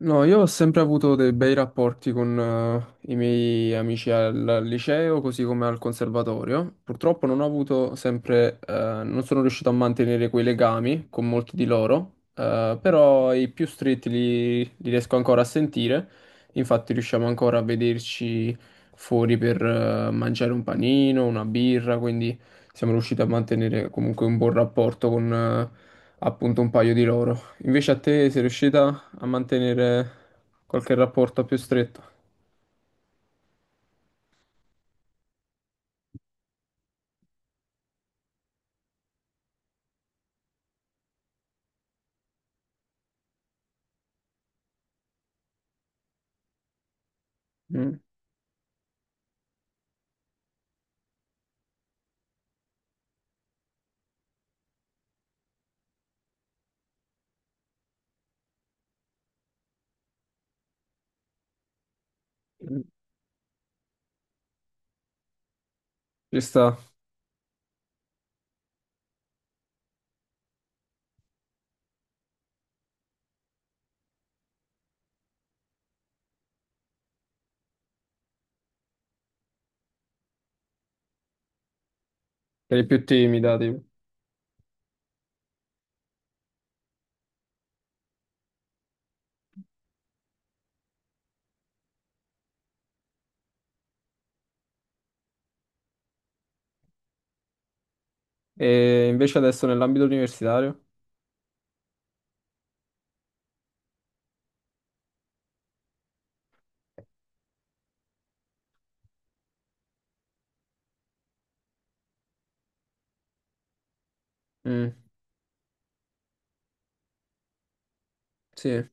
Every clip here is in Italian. No, io ho sempre avuto dei bei rapporti con i miei amici al liceo, così come al conservatorio. Purtroppo non ho avuto sempre, non sono riuscito a mantenere quei legami con molti di loro, però i più stretti li riesco ancora a sentire. Infatti riusciamo ancora a vederci fuori per mangiare un panino, una birra, quindi siamo riusciti a mantenere comunque un buon rapporto con appunto un paio di loro. Invece a te sei riuscita a mantenere qualche rapporto più stretto. Mm. Ci sta, eri più timida, tipo. E invece adesso nell'ambito universitario? Mm. Sì.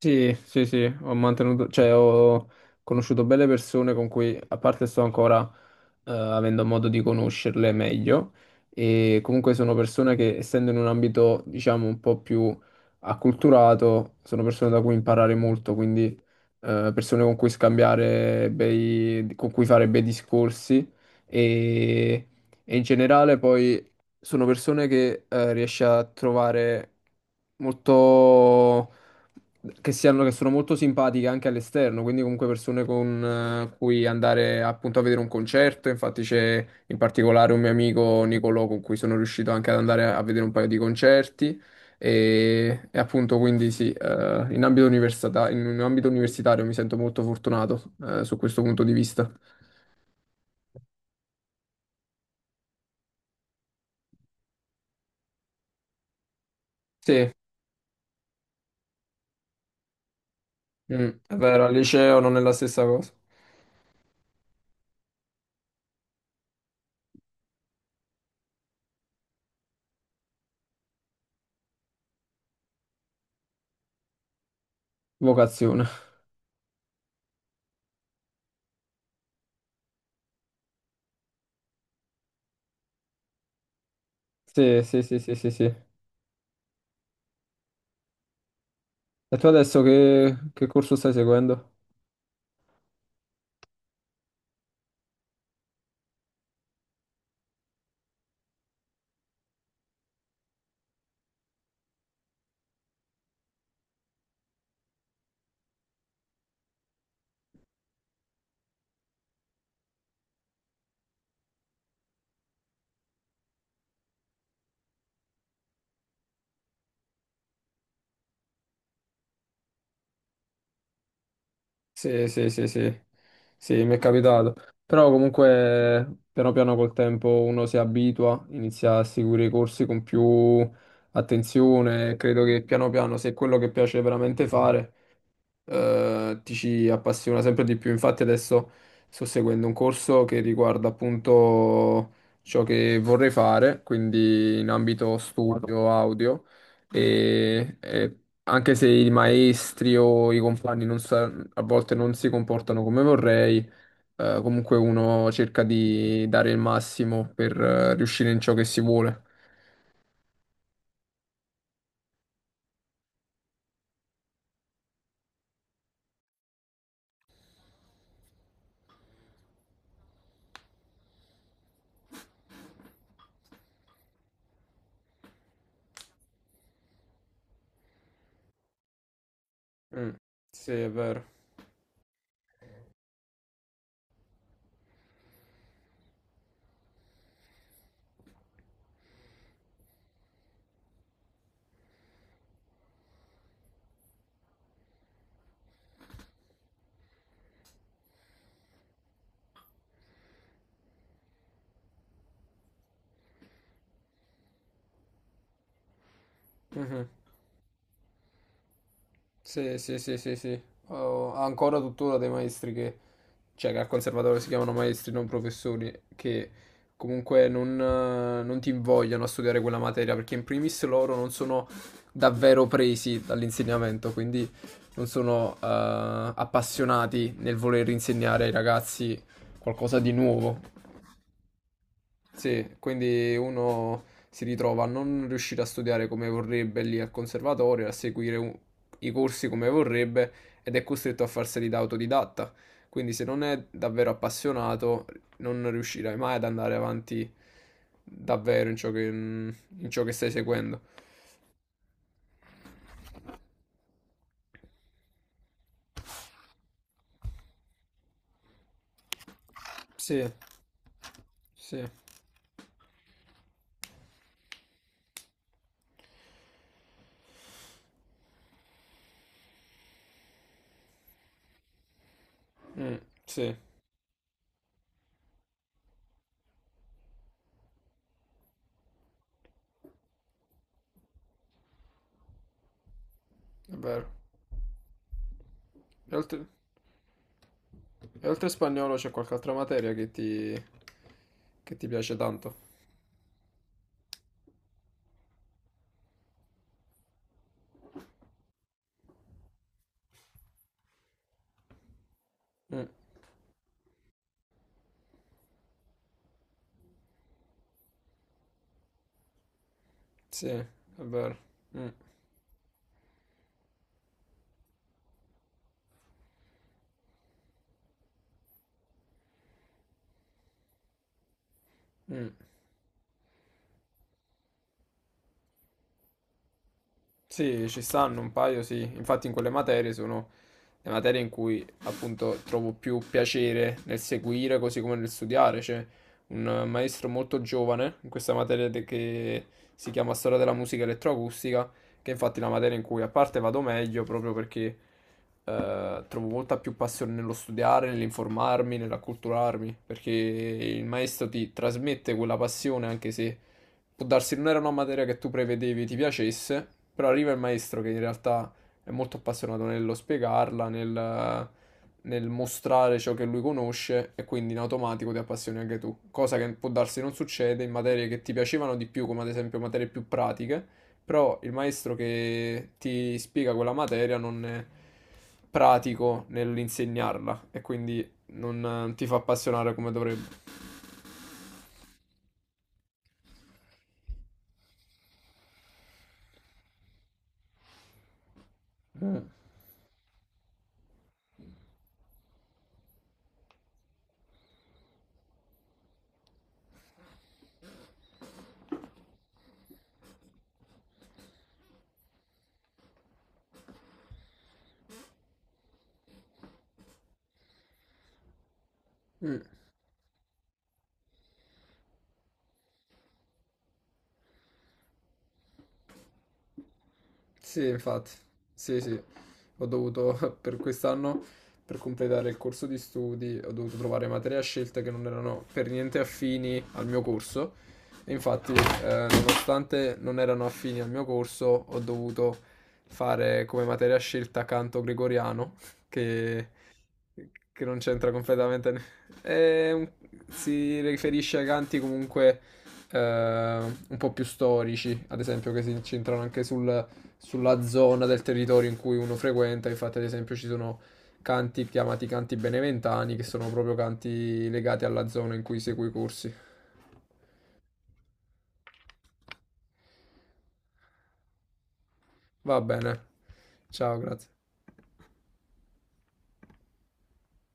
Sì, sì, sì, ho mantenuto, cioè ho conosciuto belle persone con cui, a parte sto ancora avendo modo di conoscerle meglio, e comunque sono persone che, essendo in un ambito, diciamo, un po' più acculturato, sono persone da cui imparare molto, quindi persone con cui scambiare bei, con cui fare bei discorsi e, e in generale poi sono persone che riesci a trovare molto che, siano, che sono molto simpatiche anche all'esterno, quindi comunque persone con cui andare appunto a vedere un concerto. Infatti c'è in particolare un mio amico Nicolò con cui sono riuscito anche ad andare a vedere un paio di concerti. E appunto quindi sì, in ambito in un ambito universitario mi sento molto fortunato su questo punto di vista. Sì, mm, è vero, al liceo non è la stessa cosa. Vocazione. Sì, sì, sì, sì, sì, sì. E tu adesso che corso stai seguendo? Sì, sì, sì, sì, sì, mi è capitato. Però comunque piano piano col tempo uno si abitua, inizia a seguire i corsi con più attenzione. Credo che piano piano, se è quello che piace veramente fare, ti ci appassiona sempre di più. Infatti adesso sto seguendo un corso che riguarda appunto ciò che vorrei fare, quindi in ambito studio audio, e anche se i maestri o i compagni non sa- a volte non si comportano come vorrei, comunque uno cerca di dare il massimo per riuscire in ciò che si vuole. Mm. Sì, è vero. Mhm. Sì, sì, sì, sì, sì. Ho ancora tuttora dei maestri che, cioè che al conservatorio si chiamano maestri, non professori, che comunque non, non ti invogliano a studiare quella materia, perché in primis loro non sono davvero presi dall'insegnamento, quindi non sono appassionati nel voler insegnare ai ragazzi qualcosa di nuovo. Sì, quindi uno si ritrova a non riuscire a studiare come vorrebbe lì al conservatorio, a seguire i corsi come vorrebbe ed è costretto a farseli da autodidatta. Quindi se non è davvero appassionato, non riuscirai mai ad andare avanti davvero in ciò che stai seguendo. Sì, sì. Mm, sì, è vero. E oltre, e oltre spagnolo c'è qualche altra materia che ti piace tanto? Mm. Sì, è vero. Mm, mm. Sì, ci stanno un paio, sì. Infatti in quelle materie sono le materie in cui appunto trovo più piacere nel seguire, così come nel studiare. C'è un maestro molto giovane in questa che si chiama Storia della musica elettroacustica, che è infatti è la materia in cui a parte vado meglio proprio perché trovo molta più passione nello studiare, nell'informarmi, nell'acculturarmi, perché il maestro ti trasmette quella passione anche se può darsi non era una materia che tu prevedevi ti piacesse, però arriva il maestro che in realtà è molto appassionato nello spiegarla, nel, nel mostrare ciò che lui conosce e quindi in automatico ti appassioni anche tu, cosa che può darsi non succede in materie che ti piacevano di più, come ad esempio materie più pratiche, però il maestro che ti spiega quella materia non è pratico nell'insegnarla e quindi non ti fa appassionare come dovrebbe. Mm. Mm. Sì, infatti, sì, sì, ho dovuto per quest'anno, per completare il corso di studi, ho dovuto trovare materie a scelta che non erano per niente affini al mio corso e infatti, nonostante non erano affini al mio corso, ho dovuto fare come materia a scelta canto gregoriano, che, che non c'entra completamente. È un- si riferisce ai canti comunque un po' più storici, ad esempio, che si incentrano anche sul sulla zona del territorio in cui uno frequenta. Infatti, ad esempio, ci sono canti chiamati canti beneventani, che sono proprio canti legati alla zona in cui segui i corsi. Va bene. Ciao, grazie.